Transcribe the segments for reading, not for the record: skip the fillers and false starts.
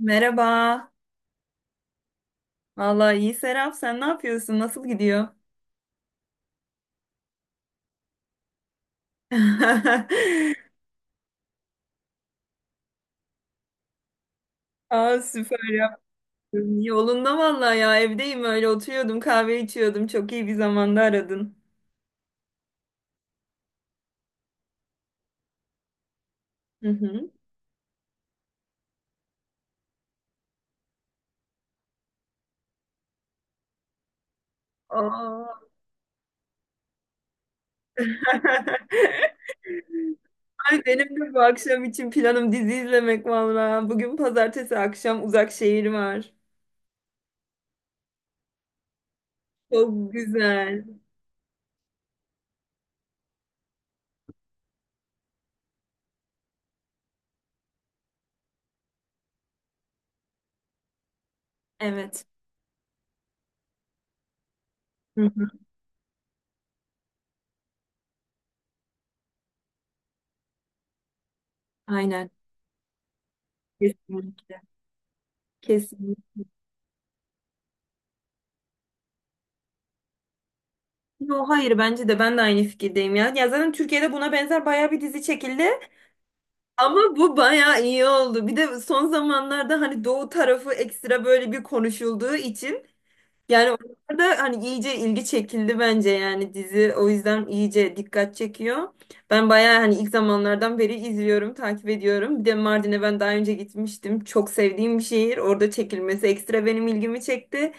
Merhaba. Vallahi iyi Serap. Sen ne yapıyorsun? Nasıl gidiyor? Aa, süper yaptın. Yolunda vallahi ya. Evdeyim öyle oturuyordum. Kahve içiyordum. Çok iyi bir zamanda aradın. Hı hı. Aa. Ay, benim de bu akşam için planım dizi izlemek vallahi. Bugün pazartesi akşam Uzak Şehir var. Çok güzel. Evet. Hı hı. Aynen. Kesinlikle. Kesinlikle. Yo, hayır bence de ben de aynı fikirdeyim ya. Ya zaten Türkiye'de buna benzer baya bir dizi çekildi. Ama bu baya iyi oldu. Bir de son zamanlarda hani Doğu tarafı ekstra böyle bir konuşulduğu için yani orada hani iyice ilgi çekildi bence, yani dizi o yüzden iyice dikkat çekiyor. Ben bayağı hani ilk zamanlardan beri izliyorum, takip ediyorum. Bir de Mardin'e ben daha önce gitmiştim. Çok sevdiğim bir şehir. Orada çekilmesi ekstra benim ilgimi çekti.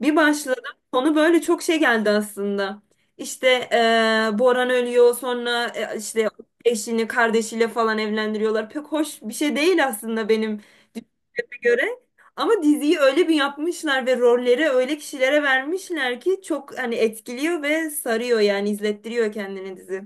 Bir başladım. Konu böyle çok şey geldi aslında. İşte Boran ölüyor, sonra işte eşini kardeşiyle falan evlendiriyorlar. Pek hoş bir şey değil aslında benim düşünceme göre. Ama diziyi öyle bir yapmışlar ve rolleri öyle kişilere vermişler ki çok hani etkiliyor ve sarıyor, yani izlettiriyor kendini dizi.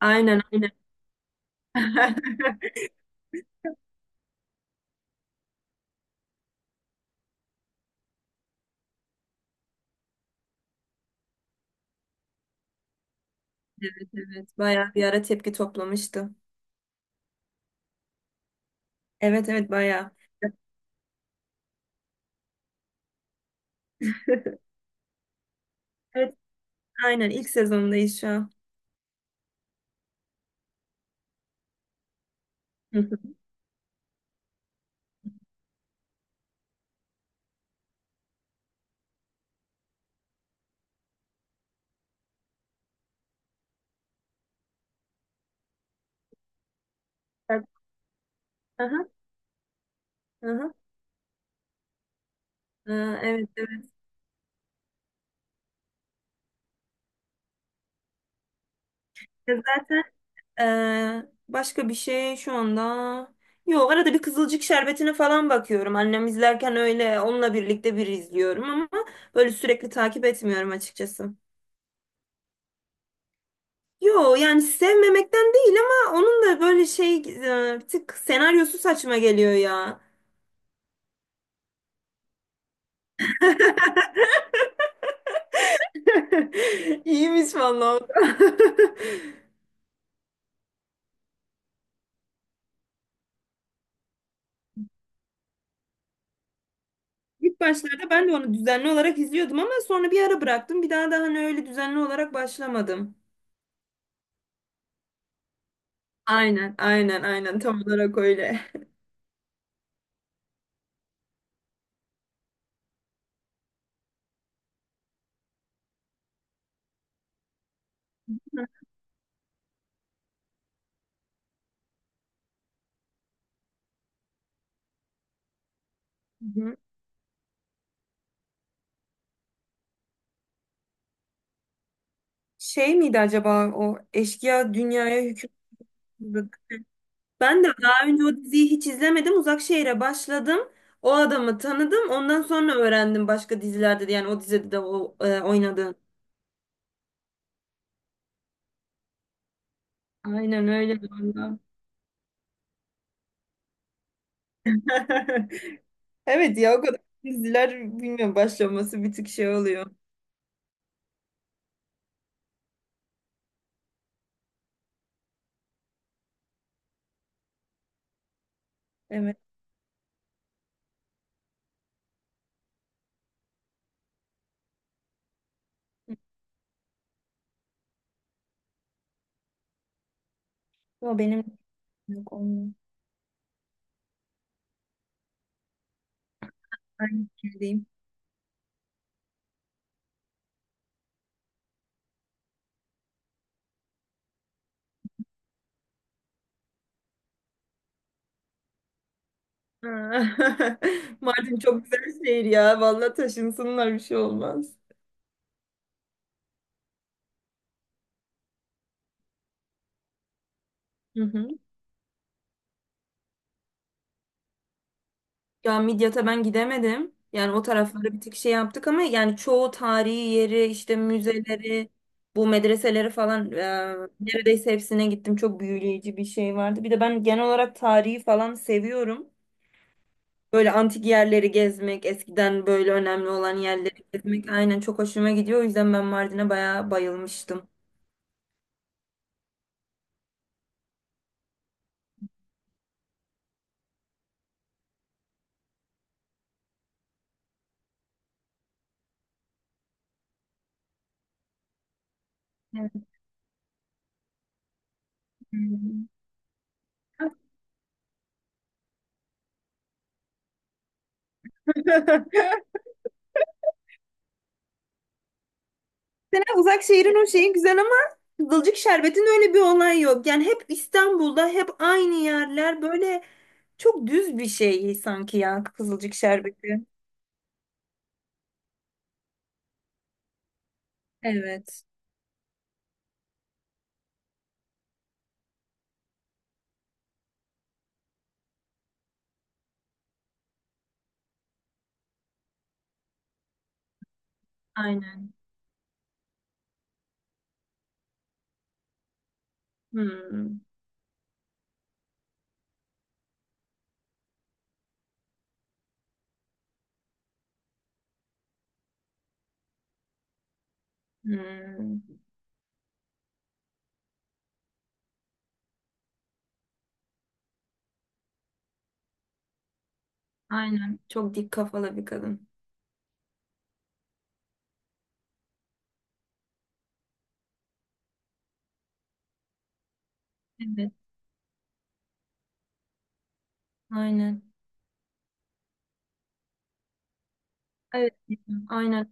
Aynen, aynen. Evet, evet. Bayağı bir ara tepki toplamıştı. Evet evet bayağı. Evet, aynen ilk sezondayız şu an. Aha, aha. Aa, evet evet. Zaten Ee, başka bir şey şu anda. Yok, arada bir Kızılcık Şerbeti'ne falan bakıyorum. Annem izlerken öyle onunla birlikte bir izliyorum ama böyle sürekli takip etmiyorum açıkçası. Yo, yani sevmemekten değil ama onun da böyle şey bir tık senaryosu saçma geliyor ya. İyiymiş vallahi. O da. İlk başlarda ben de onu düzenli olarak izliyordum ama sonra bir ara bıraktım. Bir daha da hani öyle düzenli olarak başlamadım. Aynen, aynen, aynen. Tam olarak öyle. Hı hı. Şey miydi acaba o eşkıya dünyaya hüküm sürdü? Ben de daha önce o diziyi hiç izlemedim. Uzak Şehir'e başladım. O adamı tanıdım. Ondan sonra öğrendim başka dizilerde de, yani o dizide de oynadığını. Aynen öyle valla. Evet ya, o kadar diziler bilmiyorum, başlaması bir tık şey oluyor. Evet. O benim yok olmuyor. Aynı fikirdeyim. Ha. Mardin çok güzel şehir ya. Vallahi taşınsınlar, bir şey olmaz. Hı hı. Ya Midyat'a ben gidemedim. Yani o tarafları bir tık şey yaptık ama yani çoğu tarihi yeri, işte müzeleri, bu medreseleri falan, neredeyse hepsine gittim. Çok büyüleyici bir şey vardı. Bir de ben genel olarak tarihi falan seviyorum. Böyle antik yerleri gezmek, eskiden böyle önemli olan yerleri gezmek aynen çok hoşuma gidiyor. O yüzden ben Mardin'e bayağı bayılmıştım. Mesela Uzakşehir'in o şeyi güzel ama Kızılcık Şerbet'in öyle bir olay yok. Yani hep İstanbul'da hep aynı yerler, böyle çok düz bir şey sanki ya Kızılcık Şerbeti. Evet. Aynen. Hmm. Hmm. Aynen. Çok dik kafalı bir kadın. Evet. Aynen. Evet. Aynen.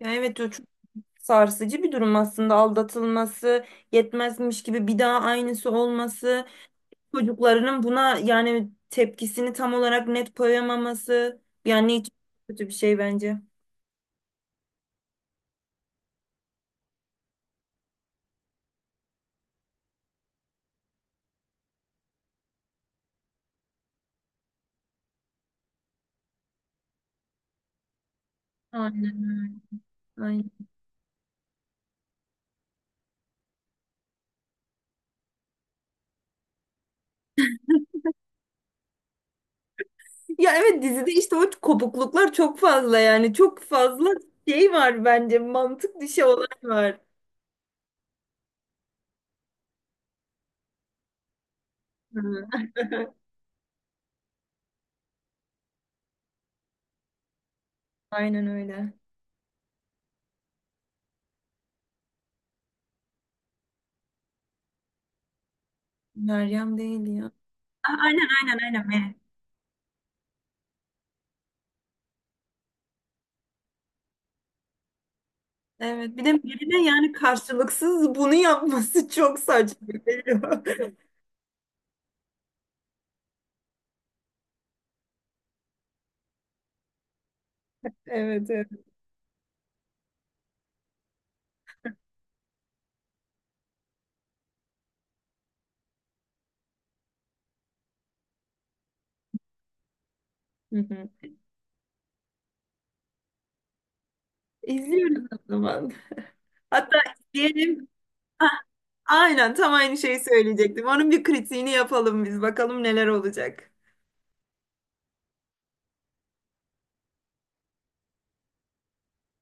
Ya evet, o çok sarsıcı bir durum aslında, aldatılması, yetmezmiş gibi bir daha aynısı olması, çocuklarının buna yani tepkisini tam olarak net koyamaması, yani hiç kötü bir şey bence. Aynen öyle. Aynen. Ya evet, dizide işte o kopukluklar çok fazla, yani çok fazla şey var bence, mantık dışı olay var. Hı. Aynen öyle. Meryem değil ya. A- Aynen aynen aynen Meryem. Evet, bir de birine yani karşılıksız bunu yapması çok saçma geliyor. Evet evet. Hı hı. İzliyoruz o zaman. Hatta izleyelim. A- Aynen, tam aynı şeyi söyleyecektim. Onun bir kritiğini yapalım biz. Bakalım neler olacak.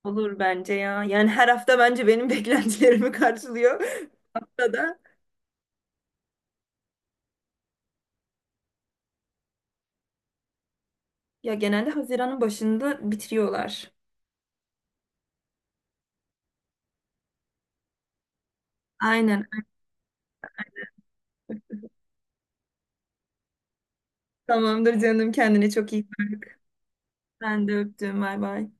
Olur bence ya. Yani her hafta bence benim beklentilerimi karşılıyor. Hatta da ya genelde Haziran'ın başında bitiriyorlar. Aynen. Tamamdır canım, kendine çok iyi bak. Ben de öptüm. Bay bay.